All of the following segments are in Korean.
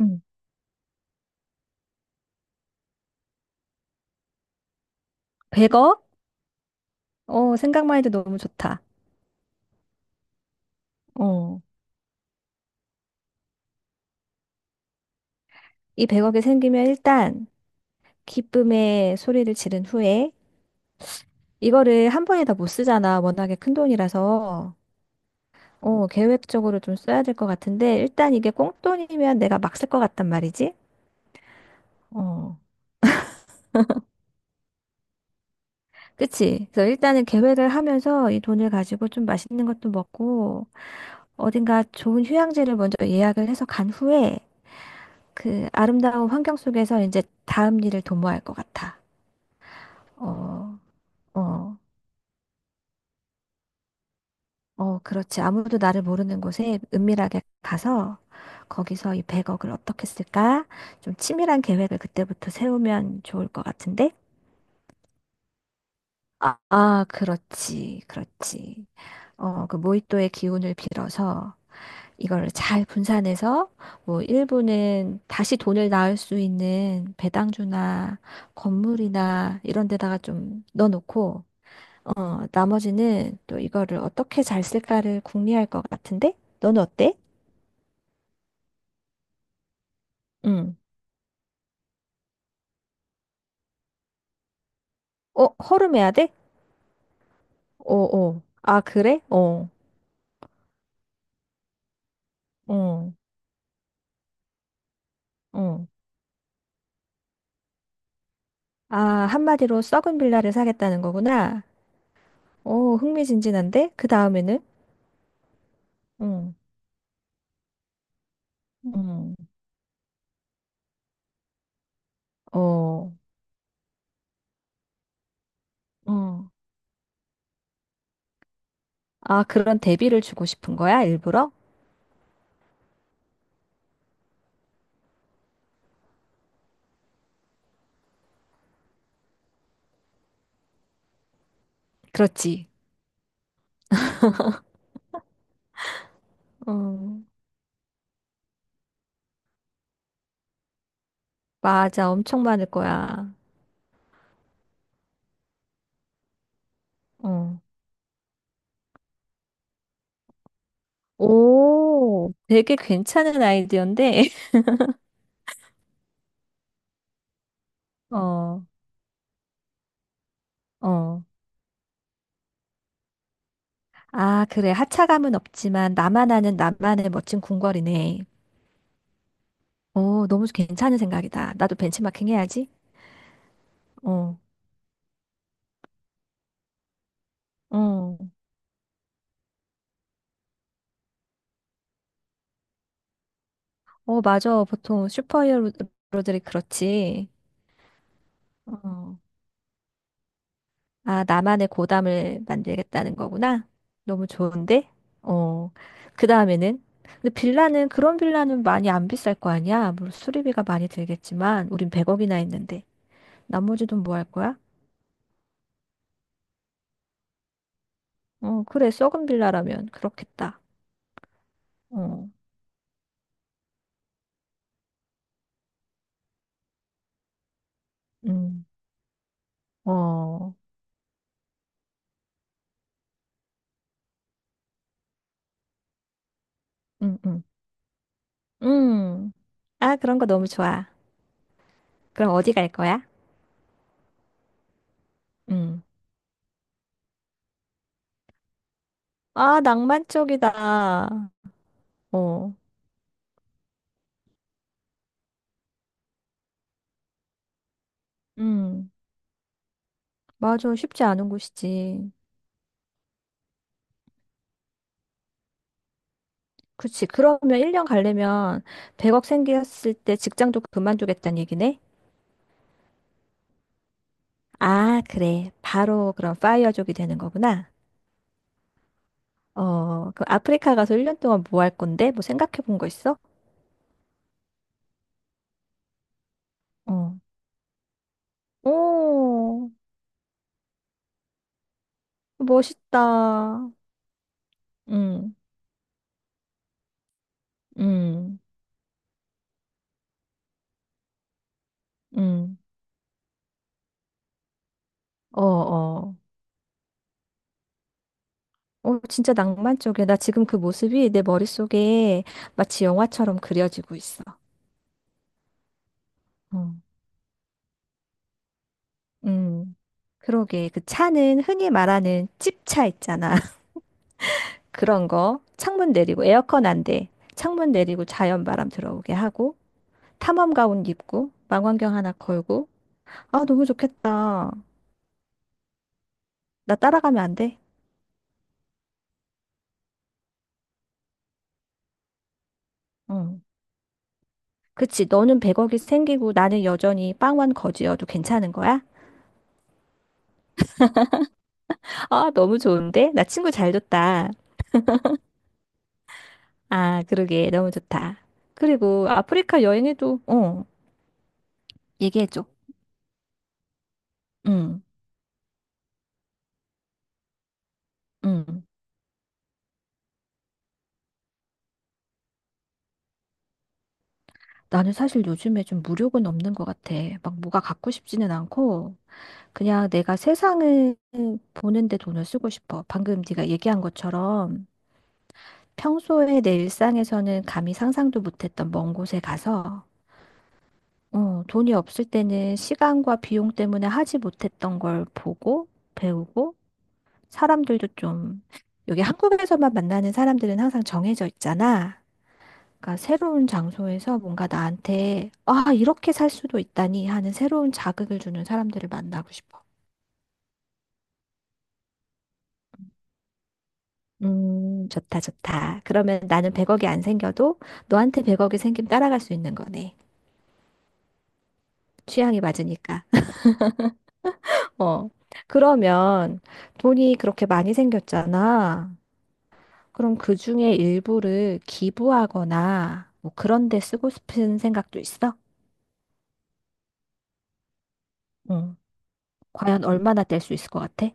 음. 100억? 어, 생각만 해도 너무 좋다. 어, 이 100억이 생기면 일단 기쁨의 소리를 지른 후에 이거를 한 번에 다 못 쓰잖아. 워낙에 큰 돈이라서. 어, 계획적으로 좀 써야 될 것 같은데 일단 이게 꽁돈이면 내가 막 쓸 것 같단 말이지. 어, 그치? 그래서 일단은 계획을 하면서 이 돈을 가지고 좀 맛있는 것도 먹고 어딘가 좋은 휴양지를 먼저 예약을 해서 간 후에 그 아름다운 환경 속에서 이제 다음 일을 도모할 것 같아. 어, 어, 어, 그렇지. 아무도 나를 모르는 곳에 은밀하게 가서 거기서 이 100억을 어떻게 쓸까? 좀 치밀한 계획을 그때부터 세우면 좋을 것 같은데? 아, 아, 그렇지. 그렇지. 어, 그 모히또의 기운을 빌어서 이걸 잘 분산해서 뭐 일부는 다시 돈을 낳을 수 있는 배당주나 건물이나 이런 데다가 좀 넣어놓고 어, 나머지는 또 이거를 어떻게 잘 쓸까를 궁리할 것 같은데? 너는 어때? 응. 어, 허름해야 돼? 어, 어. 아, 그래? 어, 어, 어. 아, 한마디로 썩은 빌라를 사겠다는 거구나. 어, 흥미진진한데? 그 다음에는? 응, 응, 어, 어. 아, 그런 대비를 주고 싶은 거야, 일부러? 그렇지. 어, 맞아. 엄청 많을 거야. 어. 오, 되게 괜찮은 아이디어인데? 어. 어. 아, 그래. 하차감은 없지만 나만 아는 나만의 멋진 궁궐이네. 어, 너무 괜찮은 생각이다. 나도 벤치마킹 해야지. 어, 어, 어, 맞아. 보통 슈퍼히어로들이 그렇지. 어. 아, 나만의 고담을 만들겠다는 거구나. 너무 좋은데? 어. 그 다음에는? 근데 빌라는, 그런 빌라는 많이 안 비쌀 거 아니야? 물론 수리비가 많이 들겠지만, 우린 100억이나 했는데. 나머지 돈 뭐 할 거야? 어, 그래. 썩은 빌라라면 그렇겠다. 어. 음, 어, 음, 음, 음. 아, 그런 거 너무 좋아. 그럼 어디 갈 거야? 음. 아, 낭만 쪽이다. 어, 음. 맞아. 쉽지 않은 곳이지. 그치. 그러면 1년 가려면 100억 생겼을 때 직장도 그만두겠다는 얘기네? 아, 그래. 바로 그럼 파이어족이 되는 거구나. 어, 그 아프리카 가서 1년 동안 뭐 할 건데? 뭐 생각해 본 거 있어? 어. 오, 멋있다. 음, 음. 음, 어, 어. 어, 진짜 낭만적이야. 나 지금 그 모습이 내 머릿속에 마치 영화처럼 그려지고 있어. 어. 음, 그러게. 그 차는 흔히 말하는 찝차 있잖아. 그런 거. 창문 내리고, 에어컨 안 돼. 창문 내리고 자연 바람 들어오게 하고, 탐험 가운 입고, 망원경 하나 걸고. 아, 너무 좋겠다. 나 따라가면 안 돼? 응. 그치. 너는 100억이 생기고 나는 여전히 빵원 거지여도 괜찮은 거야? 아, 너무 좋은데? 나 친구 잘 줬다. 아, 그러게. 너무 좋다. 그리고 아프리카 여행에도, 어, 얘기해줘. 응, 응. 나는 사실 요즘에 좀 무력은 없는 것 같아. 막 뭐가 갖고 싶지는 않고 그냥 내가 세상을 보는데 돈을 쓰고 싶어. 방금 네가 얘기한 것처럼 평소에 내 일상에서는 감히 상상도 못했던 먼 곳에 가서 어, 돈이 없을 때는 시간과 비용 때문에 하지 못했던 걸 보고 배우고 사람들도 좀, 여기 한국에서만 만나는 사람들은 항상 정해져 있잖아. 그러니까 새로운 장소에서 뭔가 나한테, 아, 이렇게 살 수도 있다니 하는 새로운 자극을 주는 사람들을 만나고 싶어. 좋다, 좋다. 그러면 나는 100억이 안 생겨도 너한테 100억이 생기면 따라갈 수 있는 거네. 취향이 맞으니까. 어. 그러면 돈이 그렇게 많이 생겼잖아. 그럼 그 중에 일부를 기부하거나 뭐 그런 데 쓰고 싶은 생각도 있어? 응. 과연 얼마나 뗄 수 있을 것 같아?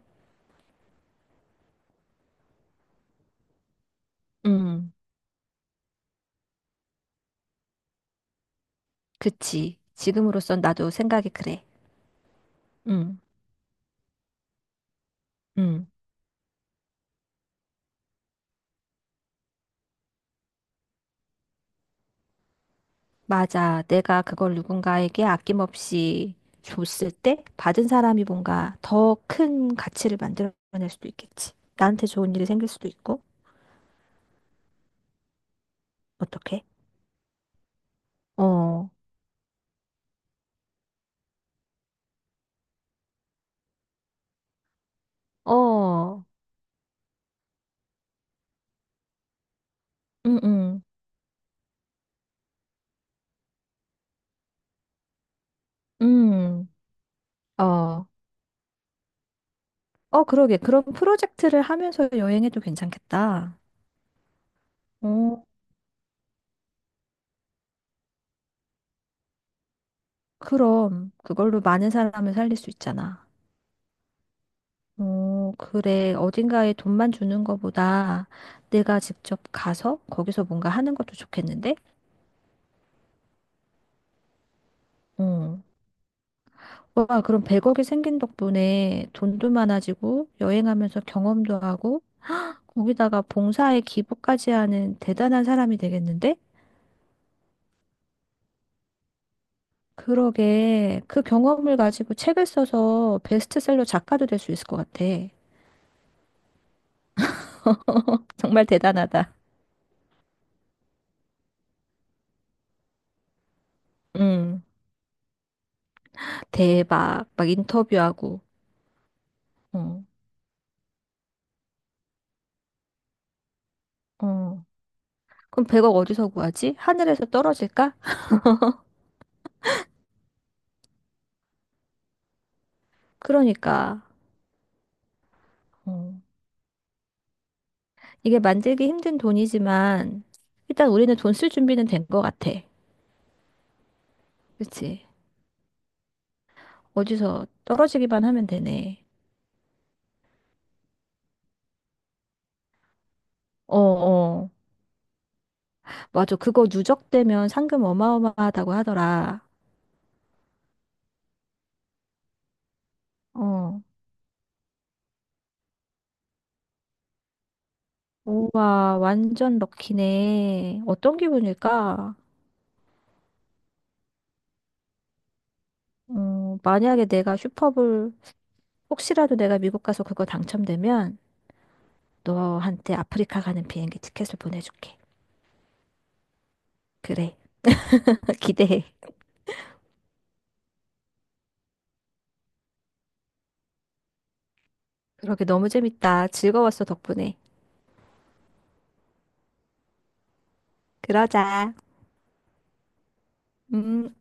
음, 그치. 지금으로선 나도 생각이 그래. 음, 음, 맞아. 내가 그걸 누군가에게 아낌없이 줬을 때 받은 사람이 뭔가 더 큰 가치를 만들어낼 수도 있겠지. 나한테 좋은 일이 생길 수도 있고. 어떻게 어, 어, 음, 음, 음, 어. 어, 그러게. 그런 프로젝트를 하면서 여행해도 괜찮겠다. 어, 그럼 그걸로 많은 사람을 살릴 수 있잖아. 어, 그래. 어딘가에 돈만 주는 것보다 내가 직접 가서 거기서 뭔가 하는 것도 좋겠는데? 어. 와, 그럼 100억이 생긴 덕분에 돈도 많아지고 여행하면서 경험도 하고 거기다가 봉사에 기부까지 하는 대단한 사람이 되겠는데? 그러게. 그 경험을 가지고 책을 써서 베스트셀러 작가도 될 수 있을 것 같아. 정말 대단하다. 응. 대박. 막 인터뷰하고. 어. 어. 그럼 100억 어디서 구하지? 하늘에서 떨어질까? 그러니까. 어. 이게 만들기 힘든 돈이지만, 일단 우리는 돈 쓸 준비는 된 것 같아. 그치? 어디서 떨어지기만 하면 되네. 어, 어. 맞아. 그거 누적되면 상금 어마어마하다고 하더라. 어. 우와, 완전 럭키네. 어떤 기분일까? 어, 만약에 내가 슈퍼볼, 혹시라도 내가 미국 가서 그거 당첨되면 너한테 아프리카 가는 비행기 티켓을 보내줄게. 그래. 기대해. 그러게 너무 재밌다. 즐거웠어, 덕분에. 그러자. 음.